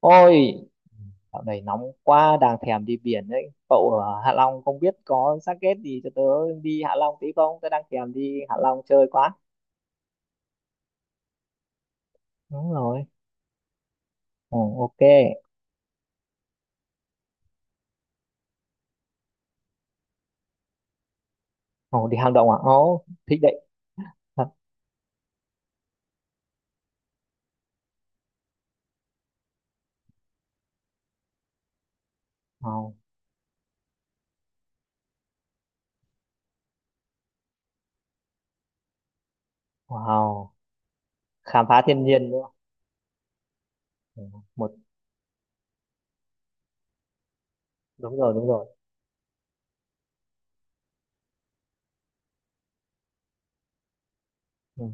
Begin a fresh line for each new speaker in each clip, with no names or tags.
Ôi, dạo này nóng quá, đang thèm đi biển đấy. Cậu ở Hạ Long không biết có xác ghét gì cho tớ đi Hạ Long tí không? Tớ đang thèm đi Hạ Long chơi quá. Đúng rồi. Ồ, ok. Ồ, đi hang động à? Ồ, thích đấy. Thật. Ồ, wow. Khám phá thiên nhiên đúng không? Ừ, Một, đúng rồi, đúng rồi. Ừ,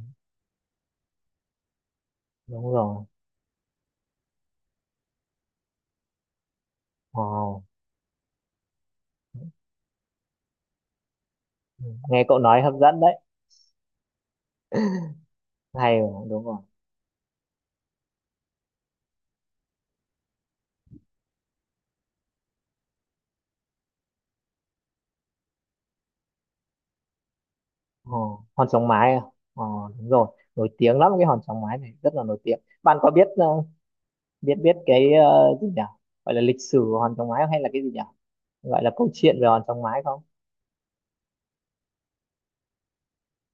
đúng rồi. Wow. Ừ, nghe cậu nói hấp dẫn đấy. Hay rồi, đúng rồi. Ồ, hòn Sống Mái à? Ồ, đúng rồi. Nổi tiếng lắm cái hòn Sống Mái này, rất là nổi tiếng. Bạn có biết biết biết cái gì nhỉ, gọi là lịch sử của Hòn Trong Mái hay là cái gì nhỉ, gọi là câu chuyện về Hòn Trong Mái không?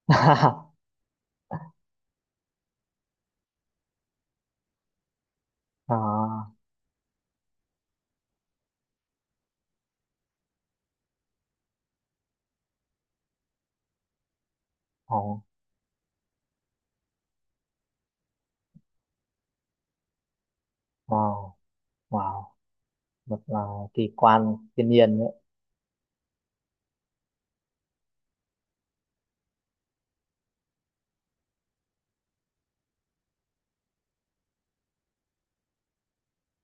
À, oh, wow wow một kỳ quan thiên nhiên đấy.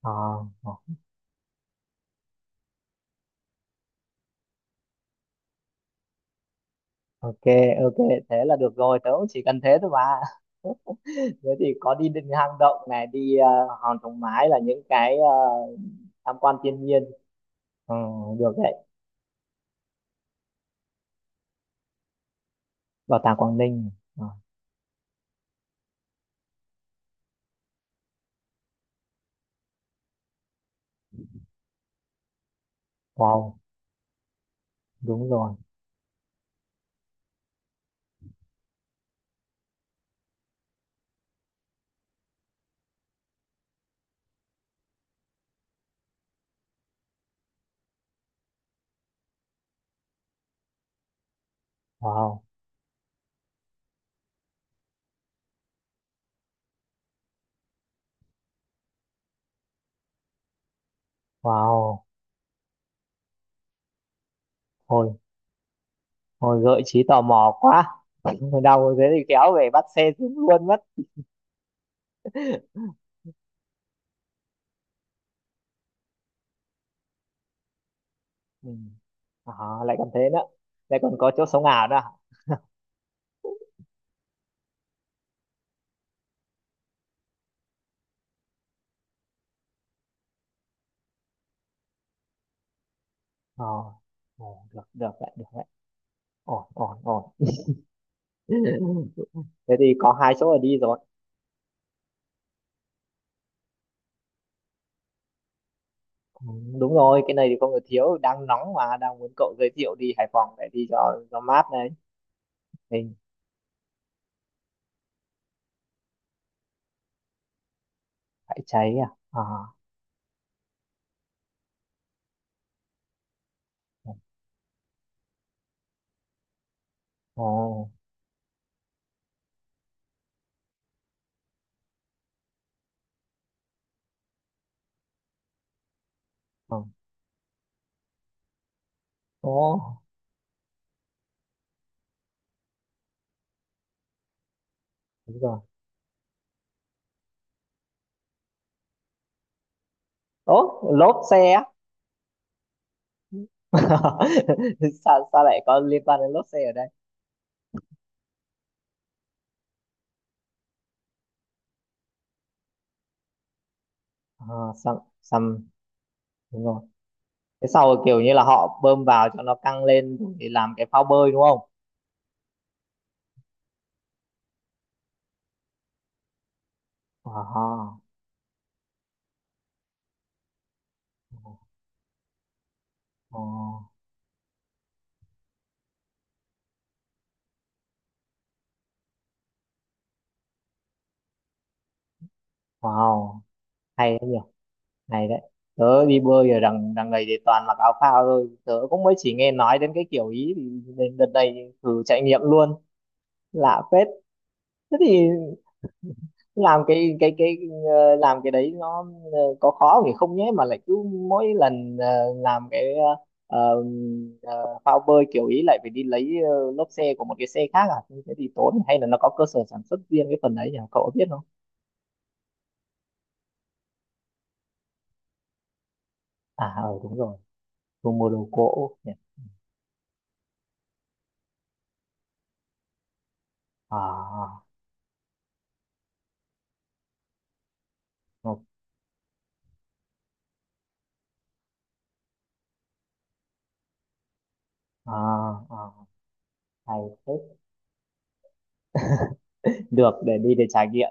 Ờ, ờ, ok ok, thế là được rồi, tớ cũng chỉ cần thế thôi mà. Thế thì có đi đến hang động này, đi Hòn Trong Mái là những cái tham quan thiên nhiên. Ờ, được đấy. Bảo tàng Quảng Ninh. Ờ, wow, đúng rồi. Wow, wow, thôi. Hồi gợi trí tò mò quá. Đau thế thì kéo về bắt xe xuống luôn mất. Ừ. À, lại còn thế nữa. Lại còn có chỗ sống ảo nữa à? Ờ. Được, được đấy, được đấy. Ổn, ổn, ổn. Thế thì có hai chỗ là đi rồi. Ừ, đúng rồi, cái này thì không được thiếu. Đang nóng mà, đang muốn cậu giới thiệu đi Hải Phòng để đi cho mát đấy. Mình phải cháy à? À. Ồ, ồ, ồ, đúng rồi. Ố, lốp xe á. sao sao lại có liên quan đến lốp xe ở đây? À, xăm, xăm, đúng rồi. Cái sau rồi kiểu như là họ bơm vào cho nó căng lên để làm cái phao bơi, đúng không? À, wow, wow, hay đấy nhỉ, hay đấy. Tớ đi bơi ở đằng đằng này thì toàn mặc áo phao thôi. Tớ cũng mới chỉ nghe nói đến cái kiểu ý, thì đến đợt này thì thử trải nghiệm luôn, lạ phết. Thế thì làm cái cái cái làm cái đấy nó có khó thì không nhé, mà lại cứ mỗi lần làm cái ờ, phao bơi kiểu ý lại phải đi lấy lốp xe của một cái xe khác à. Như thế thì tốn, hay là nó có cơ sở sản xuất riêng cái phần đấy nhỉ, cậu có biết không? À, ừ, đúng rồi. Thu mua đồ gỗ nhỉ. À, ok. À, à, hay thế. Được để đi để trải nghiệm.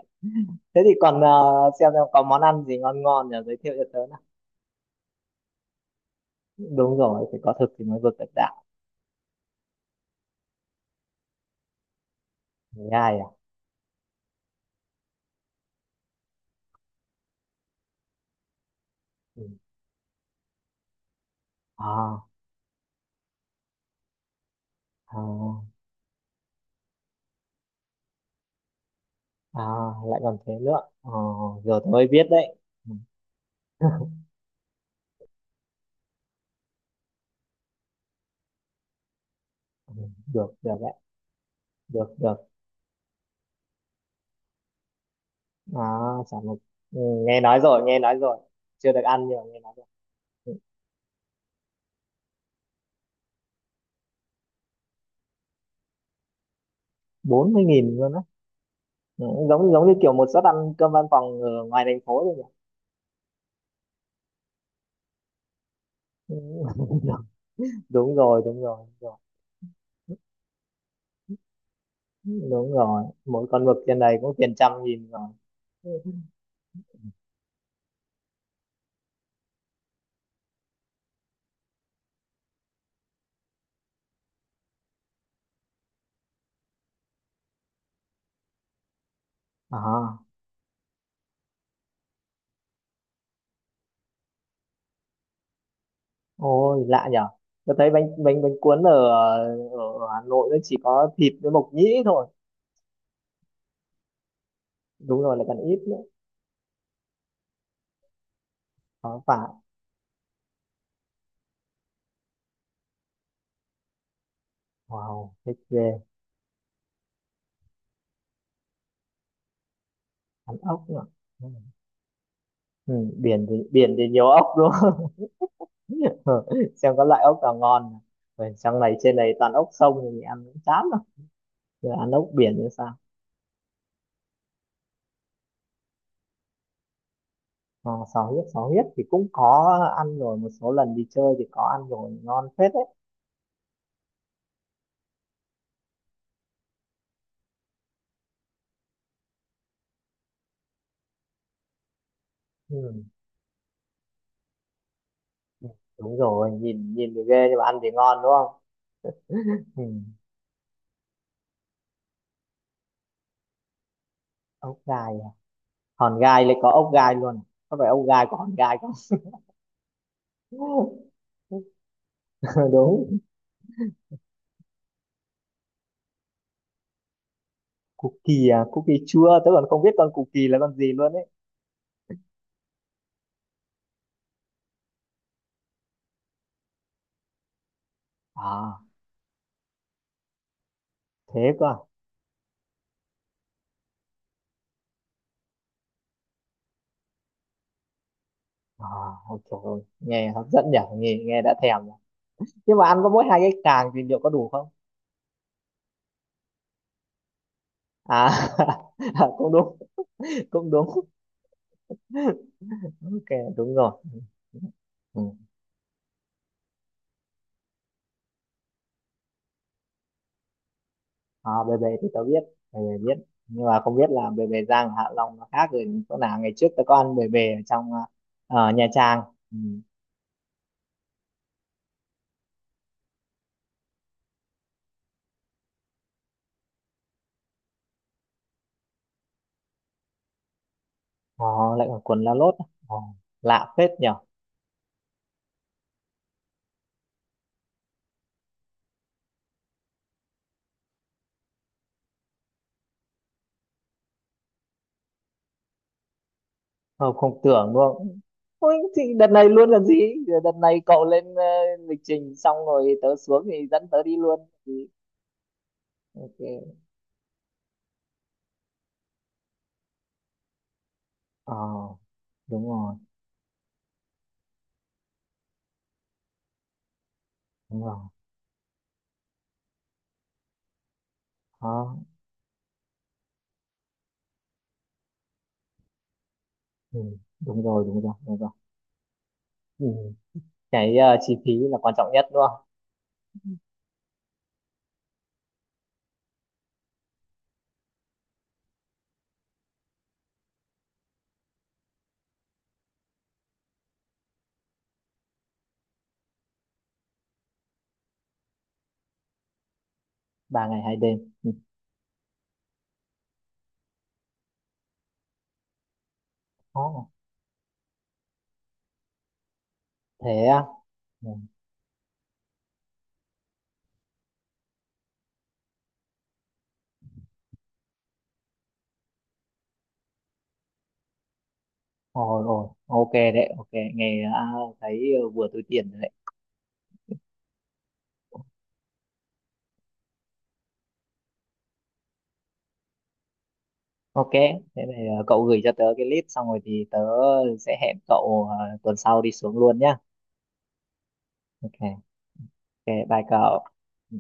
Thế thì còn xem có món ăn gì ngon ngon nhỉ, giới thiệu cho tớ nào. Đúng rồi, phải có thực thì mới vượt được đạo. Thứ hai à? Ừ. À, à, à, lại còn thế nữa. Ờ, giờ tôi mới biết đấy. Ừ, ừ, được, được đấy, được được. À, chả một. Ừ, nghe nói rồi, nghe nói rồi. Chưa được ăn nhưng mà nghe nói rồi. Ừ, 40.000 luôn á? Ừ, giống giống như kiểu một suất ăn cơm văn phòng ở ngoài thành phố rồi nhỉ. Ừ, đúng rồi, đúng rồi, đúng rồi. Đúng rồi, mỗi con mực trên này cũng tiền trăm nghìn rồi. Ừ. À, ôi lạ nhở. Tôi thấy bánh bánh bánh cuốn ở Hà Nội nó chỉ có thịt với mộc nhĩ thôi. Đúng rồi, lại còn ít nữa. Có phải. Wow, thích ghê. Ăn ốc nữa. Ừ, biển thì nhiều ốc đúng không? Ừ, xem có loại ốc nào ngon nào. Rồi trong này trên này toàn ốc sông thì mình ăn cũng chán rồi. Rồi ăn ốc biển như sao? À, sò huyết, sò huyết thì cũng có ăn rồi, một số lần đi chơi thì có ăn rồi, ngon phết đấy. Ừ. Đúng rồi, nhìn nhìn thì ghê nhưng mà ăn thì ngon đúng không? Ừ. Ốc gai à? Hòn Gai lại có ốc gai luôn à? Có phải ốc gai có Hòn Gai không? Ờ, đúng. Cookie à? Cookie chua tớ còn không biết con cookie là con gì luôn ấy. À, thế cơ à. À, ôi trời ơi, nghe hấp dẫn nhỉ, nghe nghe đã thèm rồi. Nhưng mà ăn có mỗi hai cái càng thì liệu có đủ không? À, à cũng đúng, cũng đúng. Ok, đúng rồi. Ừ. Ừ. À, bề bề thì tớ biết, bề bề biết, nhưng mà không biết là bề bề Giang Hạ Long nó khác rồi chỗ nào. Ngày trước tớ có ăn bề bề ở trong ở Nha Trang, ừ. Ờ, lại còn quần la lốt. Ờ, lạ phết nhở. Không, không tưởng luôn. Ôi, thì đợt này luôn là gì, đợt này cậu lên lịch trình xong rồi tớ xuống thì dẫn tớ đi luôn thì ok. Ờ, đúng rồi, đúng rồi. Đó. Ừ. Đúng rồi, đúng rồi, đúng rồi. Ừ. Cái chi phí là quan trọng nhất đúng không? 3 ngày 2 đêm. Ừ. Đó. Thế á. Ừ. Ôi ôi, ok đấy, ok. Nghe đã. Thấy vừa túi tiền rồi đấy. Ok. Thế này, cậu gửi cho tớ cái list xong rồi thì tớ sẽ hẹn cậu tuần sau đi xuống luôn nhá. Ok. Ok, bye cậu. Ừ.